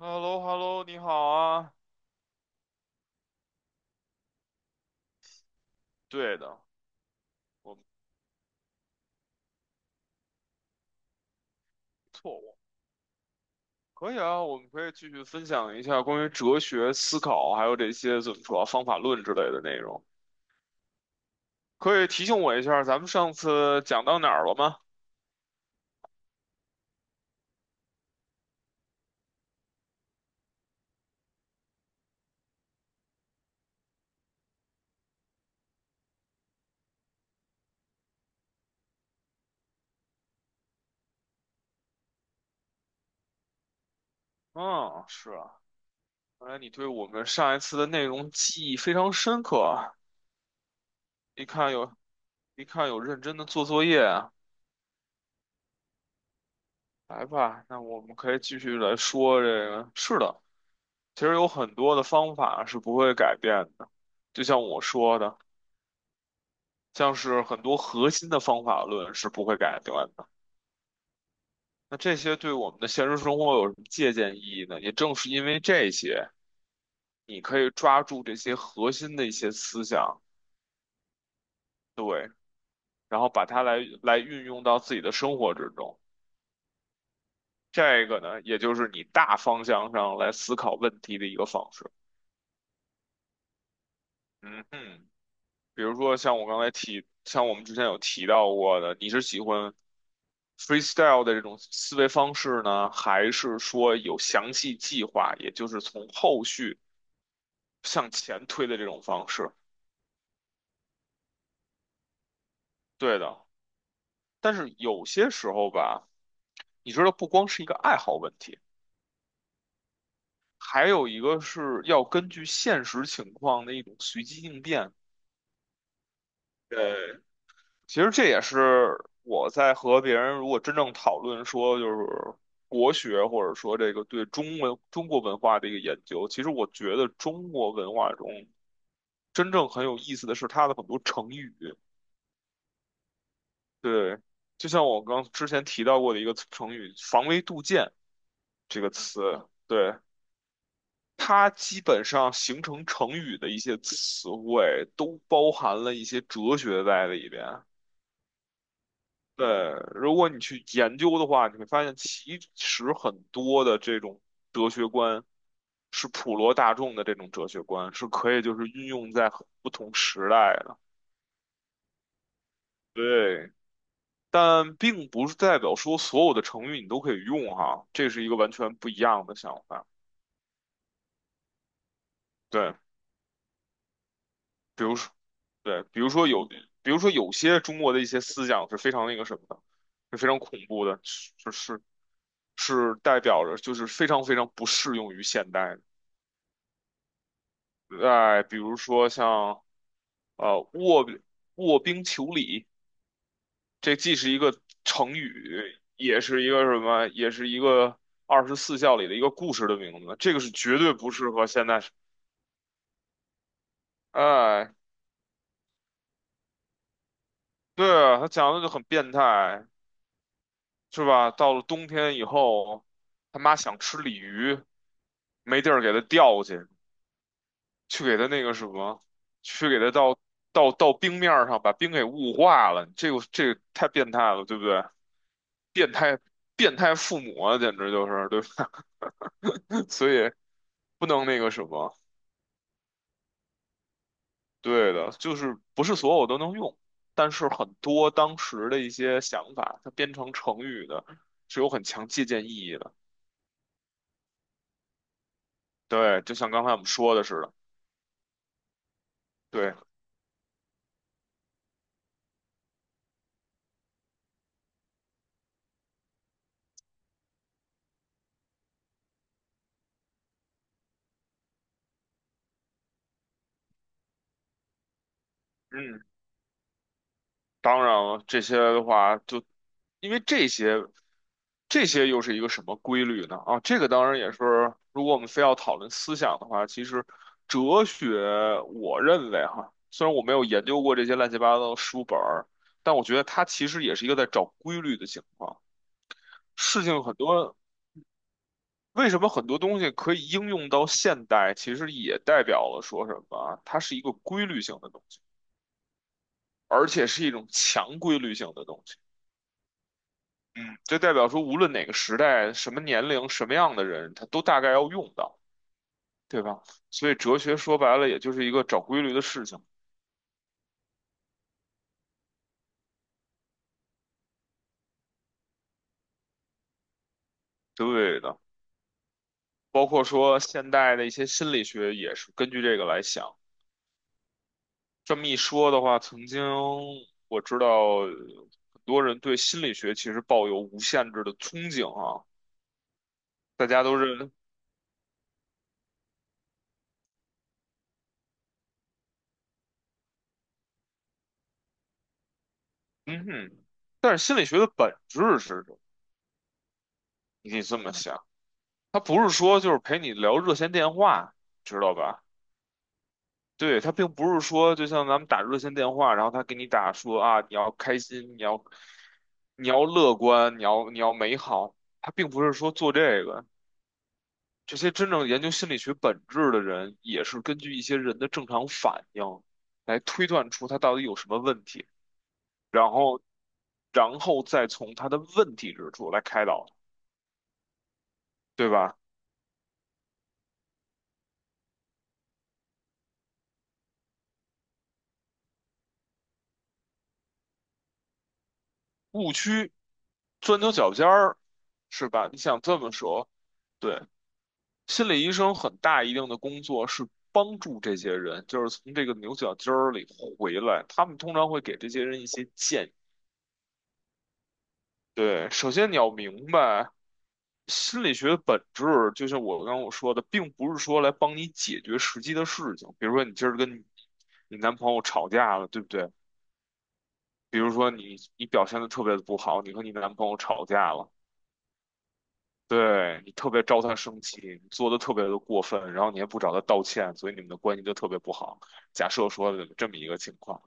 h e l l o h e l l o 你好啊。对的，我们不错误。可以啊，我们可以继续分享一下关于哲学思考，还有这些怎么说啊方法论之类的内容。可以提醒我一下，咱们上次讲到哪儿了吗？嗯，是啊，看来你对我们上一次的内容记忆非常深刻啊。一看有，一看有认真的做作业啊。来吧，那我们可以继续来说这个。是的，其实有很多的方法是不会改变的，就像我说的。像是很多核心的方法论是不会改变的。那这些对我们的现实生活有什么借鉴意义呢？也正是因为这些，你可以抓住这些核心的一些思想，对，然后把它来运用到自己的生活之中。这个呢，也就是你大方向上来思考问题的一个方式。嗯哼。比如说像我刚才提，像我们之前有提到过的，你是喜欢 freestyle 的这种思维方式呢，还是说有详细计划，也就是从后续向前推的这种方式？对的，但是有些时候吧，你知道，不光是一个爱好问题，还有一个是要根据现实情况的一种随机应变。对，其实这也是我在和别人如果真正讨论说就是国学或者说这个对中文中国文化的一个研究，其实我觉得中国文化中真正很有意思的是它的很多成语，对，就像我刚之前提到过的一个词成语"防微杜渐"这个词，对，它基本上形成成语的一些词汇都包含了一些哲学在里边。对，如果你去研究的话，你会发现其实很多的这种哲学观是普罗大众的这种哲学观，是可以就是运用在很不同时代的。对，但并不是代表说所有的成语你都可以用哈，这是一个完全不一样的想法。对，比如说，对，比如说有，比如说有些中国的一些思想是非常那个什么的，是非常恐怖的，是是代表着就是非常非常不适用于现代的。哎，比如说像呃卧卧冰求鲤，这既是一个成语，也是一个什么，也是一个24孝里的一个故事的名字。这个是绝对不适合现在。哎，对啊，他讲的就很变态，是吧？到了冬天以后，他妈想吃鲤鱼，没地儿给他钓去，去给他那个什么，去给他到到冰面儿上，把冰给雾化了，这个太变态了，对不对？变态变态父母啊，简直就是，对吧？所以不能那个什么，对的，就是不是所有都能用，但是很多当时的一些想法，它编成成语的，是有很强借鉴意义的。对，就像刚才我们说的似的，对，嗯。当然了，这些的话就，因为这些，这些又是一个什么规律呢？啊，这个当然也是，如果我们非要讨论思想的话，其实哲学，我认为哈，虽然我没有研究过这些乱七八糟的书本儿，但我觉得它其实也是一个在找规律的情况。事情很多，为什么很多东西可以应用到现代，其实也代表了说什么啊？它是一个规律性的东西，而且是一种强规律性的东西。这代表说，无论哪个时代、什么年龄、什么样的人，他都大概要用到，对吧？所以哲学说白了，也就是一个找规律的事情。对的，包括说现代的一些心理学也是根据这个来想。这么一说的话，曾经我知道呃很多人对心理学其实抱有无限制的憧憬啊，大家都认为，嗯哼。但是心理学的本质是什么你可以这么想，它不是说就是陪你聊热线电话，知道吧？对，他并不是说，就像咱们打热线电话，然后他给你打说啊，你要开心，你要乐观，你要美好，他并不是说做这个。这些真正研究心理学本质的人，也是根据一些人的正常反应来推断出他到底有什么问题，然后再从他的问题之处来开导，对吧？误区、钻牛角尖儿，是吧？你想这么说，对。心理医生很大一定的工作是帮助这些人，就是从这个牛角尖儿里回来。他们通常会给这些人一些建议。对，首先你要明白，心理学的本质，就像我刚刚说的，并不是说来帮你解决实际的事情。比如说，你今儿跟你男朋友吵架了，对不对？比如说你表现的特别的不好，你和你男朋友吵架了。对，你特别招他生气，你做的特别的过分，然后你也不找他道歉，所以你们的关系就特别不好。假设说的这么一个情况，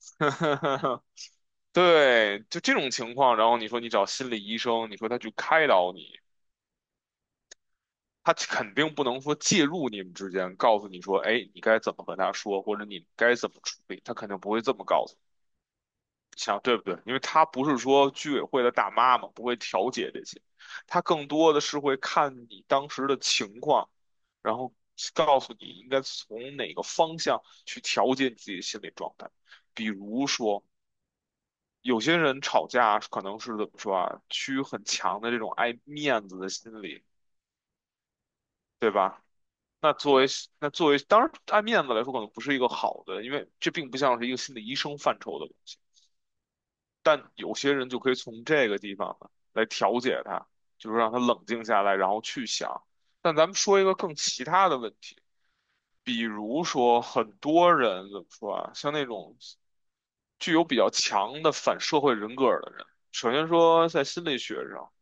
对，就这种情况，然后你说你找心理医生，你说他去开导你，他肯定不能说介入你们之间，告诉你说，哎，你该怎么和他说，或者你该怎么处理，他肯定不会这么告诉你想对不对？因为他不是说居委会的大妈嘛，不会调解这些，他更多的是会看你当时的情况，然后告诉你应该从哪个方向去调节你自己的心理状态。比如说，有些人吵架可能是怎么说啊，趋于很强的这种爱面子的心理，对吧？那作为那作为，当然爱面子来说，可能不是一个好的，因为这并不像是一个心理医生范畴的。东西。但有些人就可以从这个地方呢来调节他，就是让他冷静下来，然后去想。但咱们说一个更其他的问题，比如说很多人怎么说啊，像那种具有比较强的反社会人格的人，首先说在心理学上，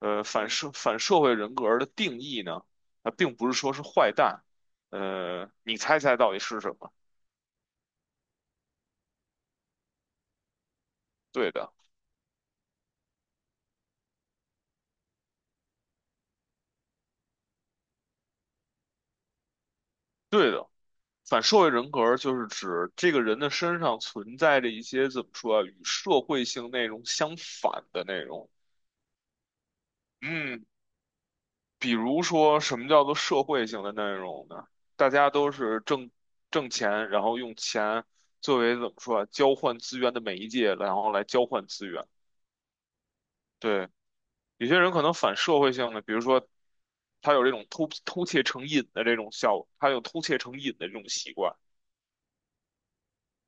呃，反社会人格的定义呢，它并不是说是坏蛋，呃，你猜猜到底是什么？对的，对的。反社会人格就是指这个人的身上存在着一些怎么说啊，与社会性内容相反的内容。嗯，比如说什么叫做社会性的内容呢？大家都是挣钱，然后用钱作为怎么说啊，交换资源的媒介，然后来交换资源。对，有些人可能反社会性的，比如说他有这种偷窃成瘾的这种习惯。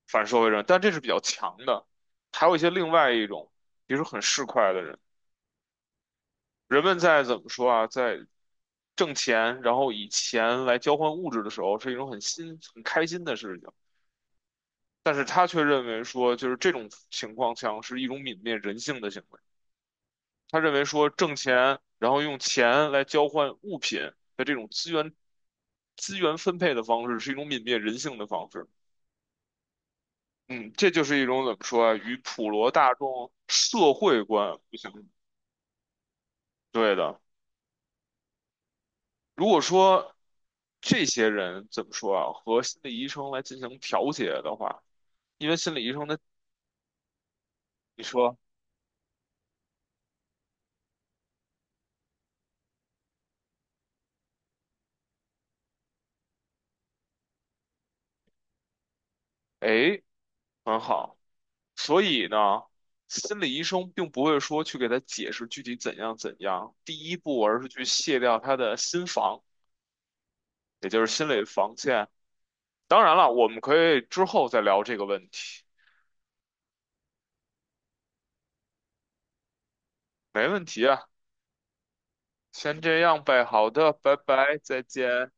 反社会人，但这是比较强的。还有一些另外一种，比如说很市侩的人，人们在怎么说啊，在挣钱，然后以钱来交换物质的时候，是一种很新、很开心的事情。但是他却认为说，就是这种情况像是一种泯灭人性的行为。他认为说，挣钱，然后用钱来交换物品的这种资源分配的方式，是一种泯灭人性的方式。嗯，这就是一种怎么说啊，与普罗大众社会观不相对的。如果说这些人怎么说啊，和心理医生来进行调节的话，因为心理医生的你说，哎，很好，所以呢，心理医生并不会说去给他解释具体怎样怎样，第一步而是去卸掉他的心防，也就是心理防线。当然了，我们可以之后再聊这个问题，没问题啊。先这样呗，好的，拜拜，再见。